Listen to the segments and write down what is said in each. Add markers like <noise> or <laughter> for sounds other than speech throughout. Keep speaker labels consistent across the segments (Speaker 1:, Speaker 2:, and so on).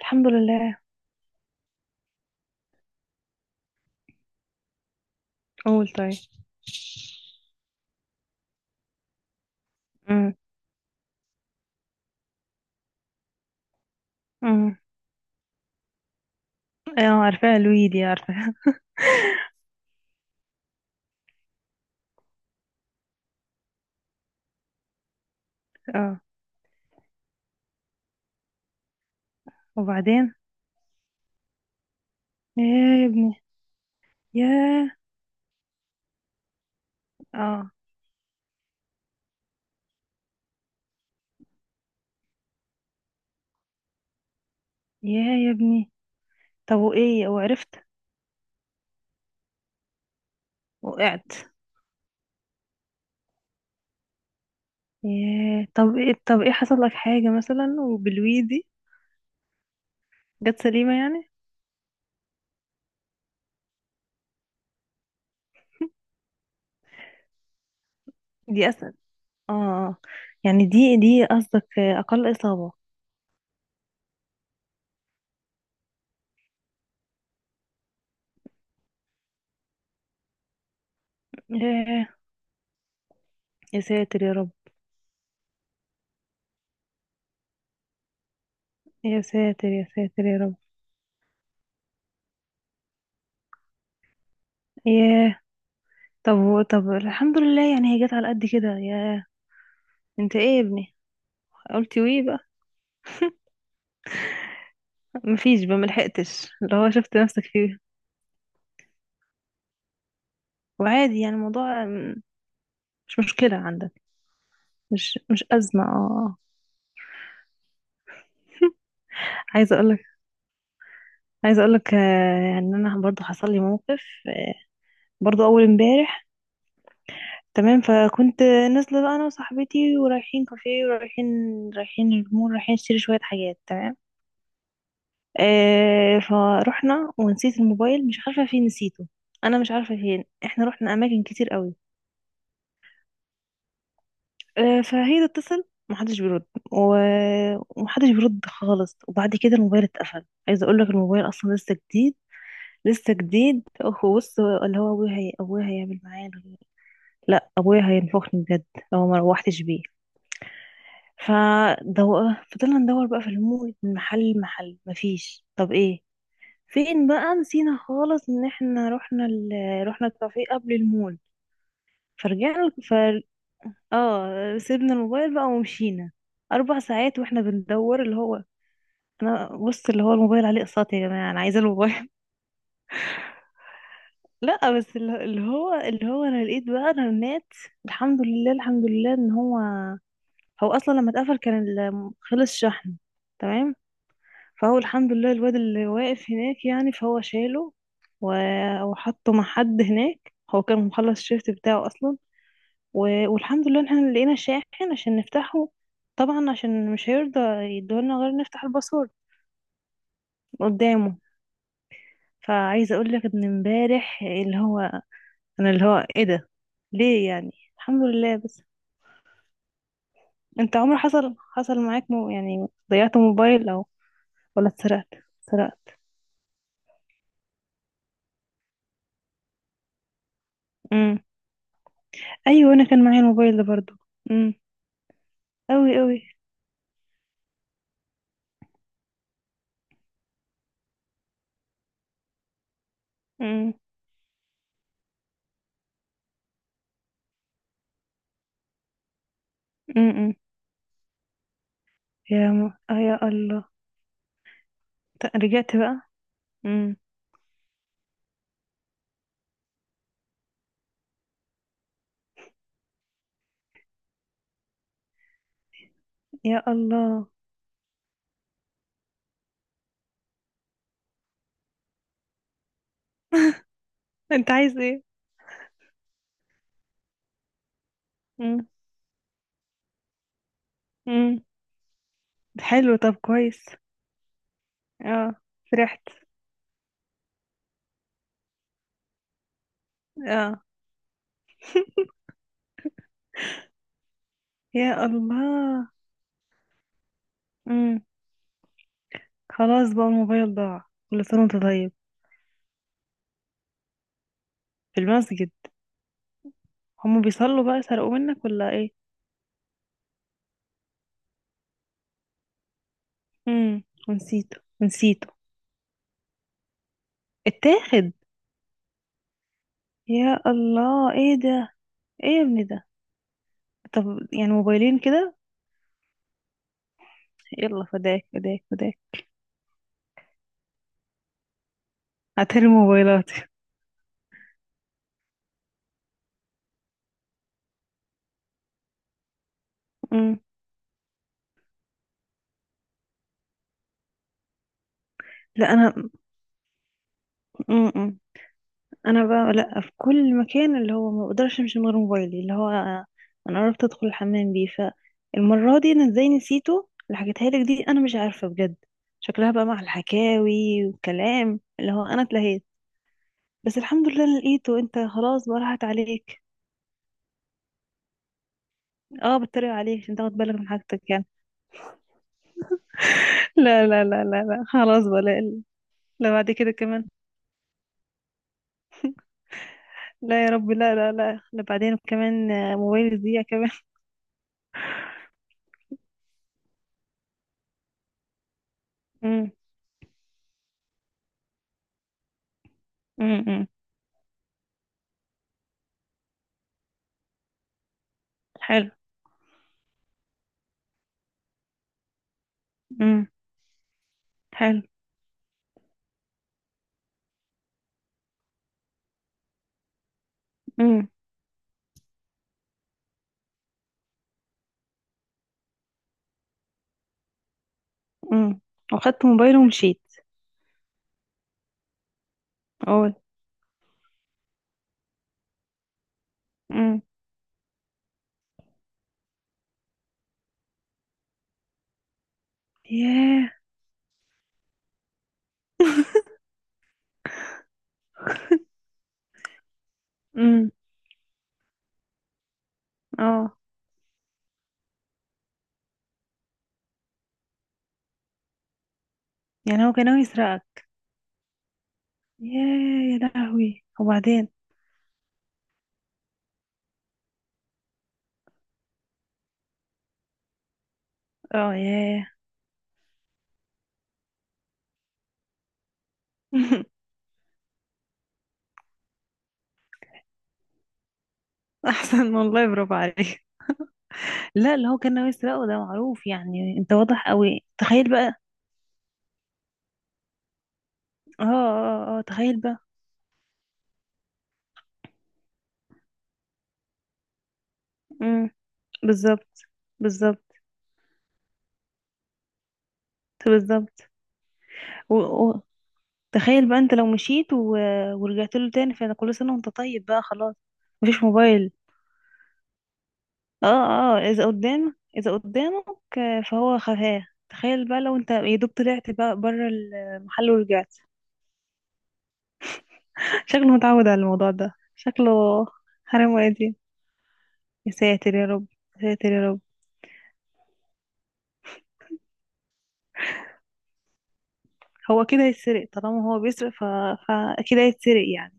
Speaker 1: الحمد لله. قول طيب. امم امم اه عارفاها لويدي عارفاها. <laughs> اه وبعدين. يا ابني. يا اه يا يا ابني. طب وايه وعرفت؟ وقعت؟ يا، طب ايه؟ حصل لك حاجة مثلا وبالويدي؟ جت سليمة يعني؟ دي اسهل. اه آه. يعني دي قصدك اقل اصابة؟ يا، يا ساتر يا رب. يا ساتر يا ساتر يا رب. ياه. طب، طب الحمد لله يعني هي جت على قد كده. يا، انت ايه يا ابني؟ قلت ويه بقى؟ مفيش بقى؟ ملحقتش اللي هو شفت نفسك فيه؟ وعادي يعني الموضوع مش مشكلة عندك؟ مش أزمة. اه آه. عايزة أقولك. عايزة أقولك آه، يعني أنا برضو حصل لي موقف. آه، برضو أول امبارح. تمام. فكنت نازلة بقى أنا وصاحبتي، ورايحين كافيه، ورايحين رايحين المول، رايحين نشتري شوية حاجات، تمام. آه، فروحنا ونسيت الموبايل، مش عارفة فين نسيته. أنا مش عارفة فين، احنا رحنا أماكن كتير قوي. آه، فهي تتصل، محدش بيرد. و- ومحدش بيرد خالص. وبعد كده الموبايل اتقفل. عايزه اقول لك الموبايل اصلا لسه جديد. لسه جديد. هو بص اللي هو ابويا، هي ابويا هيعمل معايا. لا، ابويا هينفخني بجد لو ما روحتش بيه. فدو... فضلنا ندور بقى في المول من محل لمحل. مفيش. طب ايه؟ فين بقى؟ نسينا خالص ان احنا رحنا رحنا الكافيه قبل المول. فرجعنا. اه، سيبنا الموبايل بقى ومشينا. اربع ساعات واحنا بندور، اللي هو انا بص اللي هو الموبايل عليه اقساط يا جماعه، انا عايزه الموبايل. <laughs> لا بس اللي هو انا لقيت بقى رنات. الحمد لله، الحمد لله ان هو، هو اصلا لما اتقفل كان خلص شحن. تمام. فهو الحمد لله الواد اللي واقف هناك يعني فهو شاله وحطه مع حد هناك. هو كان مخلص الشيفت بتاعه اصلا، والحمد لله ان احنا لقينا شاحن عشان نفتحه. طبعا عشان مش هيرضى يدولنا غير نفتح الباسورد قدامه. فعايزه اقول لك ان امبارح اللي هو، انا اللي هو ايه ده؟ ليه يعني؟ الحمد لله بس. انت عمر حصل، حصل معاك مو يعني ضيعت موبايل او ولا اتسرقت؟ اتسرقت. امم. ايوه، انا كان معايا الموبايل ده برضو. امم. قوي قوي. امم امم يا م... آه يا الله. رجعت بقى. امم. يا الله. انت عايز ايه؟ امم. حلو. طب كويس. اه. فرحت. اه، يا الله. امم. خلاص بقى الموبايل ضاع. كل سنة وانت طيب. في المسجد؟ هم بيصلوا بقى سرقوه منك ولا ايه؟ ونسيته ونسيته. اتاخد؟ يا الله، ايه ده؟ ايه يا ابني ده؟ طب يعني موبايلين كده. يلا فداك فداك فداك. هاتلي موبايلاتي. امم. لا انا. امم. انا بقى لا، في كل مكان، اللي هو ما بقدرش امشي من غير موبايلي، اللي هو انا عرفت ادخل الحمام بيه. فالمره دي انا ازاي نسيته، اللي حكيتها لك دي، انا مش عارفه بجد. شكلها بقى مع الحكاوي والكلام، اللي هو انا اتلهيت. بس الحمد لله أنا لقيته. انت خلاص بقى راحت عليك. اه، بتريق عليك عشان تاخد بالك من حاجتك يعني. <laughs> لا لا لا لا لا، خلاص بقى، لا. لا بعد كده كمان، لا يا رب، لا لا لا لا بعدين كمان آه، موبايلي يضيع كمان. <laughs> امم أمم. حلو. امم. حلو. امم امم وخدت موبايله ومشيت. اقول. امم. ياه. امم. اه. يعني هو كان ناوي يسرقك. ياه يا لهوي. وبعدين؟ اه ياه. <laughs> احسن والله، برافو عليك. لا، اللي هو كان ناوي يسرقه، ده معروف يعني، انت واضح قوي. تخيل بقى. اه اه اه آه. تخيل بقى. امم. بالظبط. بالظبط. بالظبط. و... و... تخيل بقى انت لو مشيت ورجعت له تاني، فانا كل سنه وانت طيب بقى خلاص. مفيش موبايل. اه اه. اذا قدام، اذا قدامك آه، فهو خفاه. تخيل بقى لو انت يا دوب طلعت بقى بره المحل ورجعت. شكله متعود على الموضوع ده، شكله. حرام وادي. يا ساتر يا رب. يا ساتر يا رب. هو كده هيتسرق، طالما هو بيسرق فاكيد هيتسرق يعني.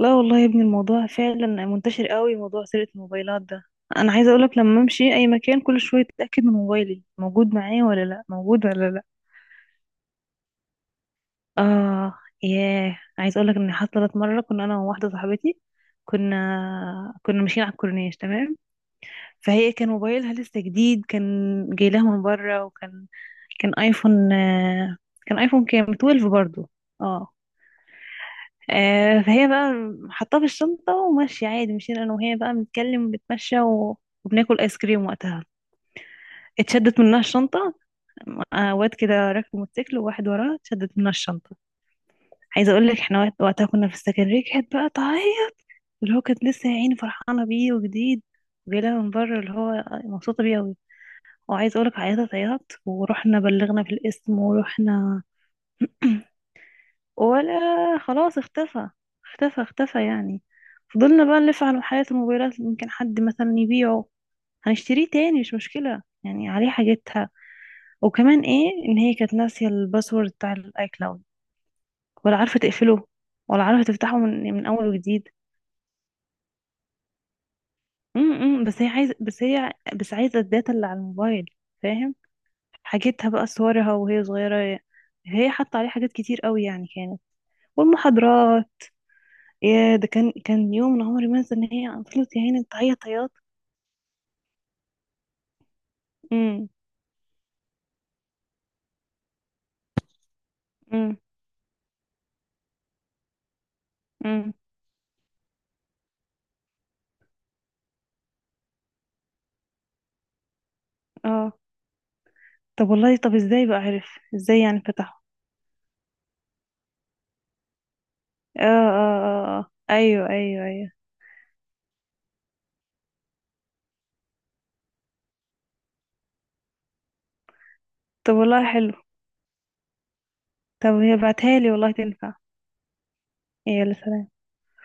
Speaker 1: لا والله يا ابني، الموضوع فعلا منتشر قوي، موضوع سرقة الموبايلات ده. انا عايزه اقولك، لما امشي اي مكان كل شويه اتاكد من موبايلي، موجود معايا ولا لا، موجود ولا لا. اه ياه، عايز اقول لك ان حصلت مره، كنا انا وواحده صاحبتي، كنا ماشيين على الكورنيش. تمام. فهي كان موبايلها لسه جديد، كان جاي لها من بره، وكان كان ايفون آه، كان ايفون كام 12 برضو. اه. آه، فهي بقى حطاه في الشنطه وماشيه عادي. مشينا انا وهي بقى بنتكلم بنتمشى وبناكل ايس كريم وقتها. اتشدت منها الشنطه. آه، واد كده راكب موتوسيكل وواحد وراه، اتشدت منها الشنطه. عايزه اقول لك احنا وقتها كنا في السكن. كانت بقى تعيط. اللي هو كانت لسه يا عيني فرحانه بيه وجديد، وجايلها من بره، اللي هو مبسوطه بيه قوي. وعايزه اقول لك، عيطت عياط، ورحنا بلغنا في القسم، ورحنا. <clears throat> ولا. خلاص اختفى. اختفى اختفى يعني. فضلنا بقى نلف على محلات الموبايلات، يمكن حد مثلا يبيعه، هنشتريه تاني، مش مشكلة يعني، عليه حاجتها. وكمان ايه ان هي كانت ناسية الباسورد بتاع الاي كلاود، ولا عارفة تقفله، ولا عارفة تفتحه من اول وجديد. بس هي عايزه، بس هي بس عايزه الداتا اللي على الموبايل. فاهم. حاجتها بقى، صورها وهي صغيره، هي حاطه عليه حاجات كتير قوي يعني كانت. والمحاضرات. يا ده، كان كان يوم أنا عمري ما انسى ان هي فضلت يا عيني تعيط عياط. امم امم امم اه. طب والله، طب ازاي بقى عرف؟ ازاي يعني فتحه؟ اه اه اه، آه. ايوه ايوه ايوه. طب والله حلو. طب هي بعتها لي والله تنفع. يا سلام.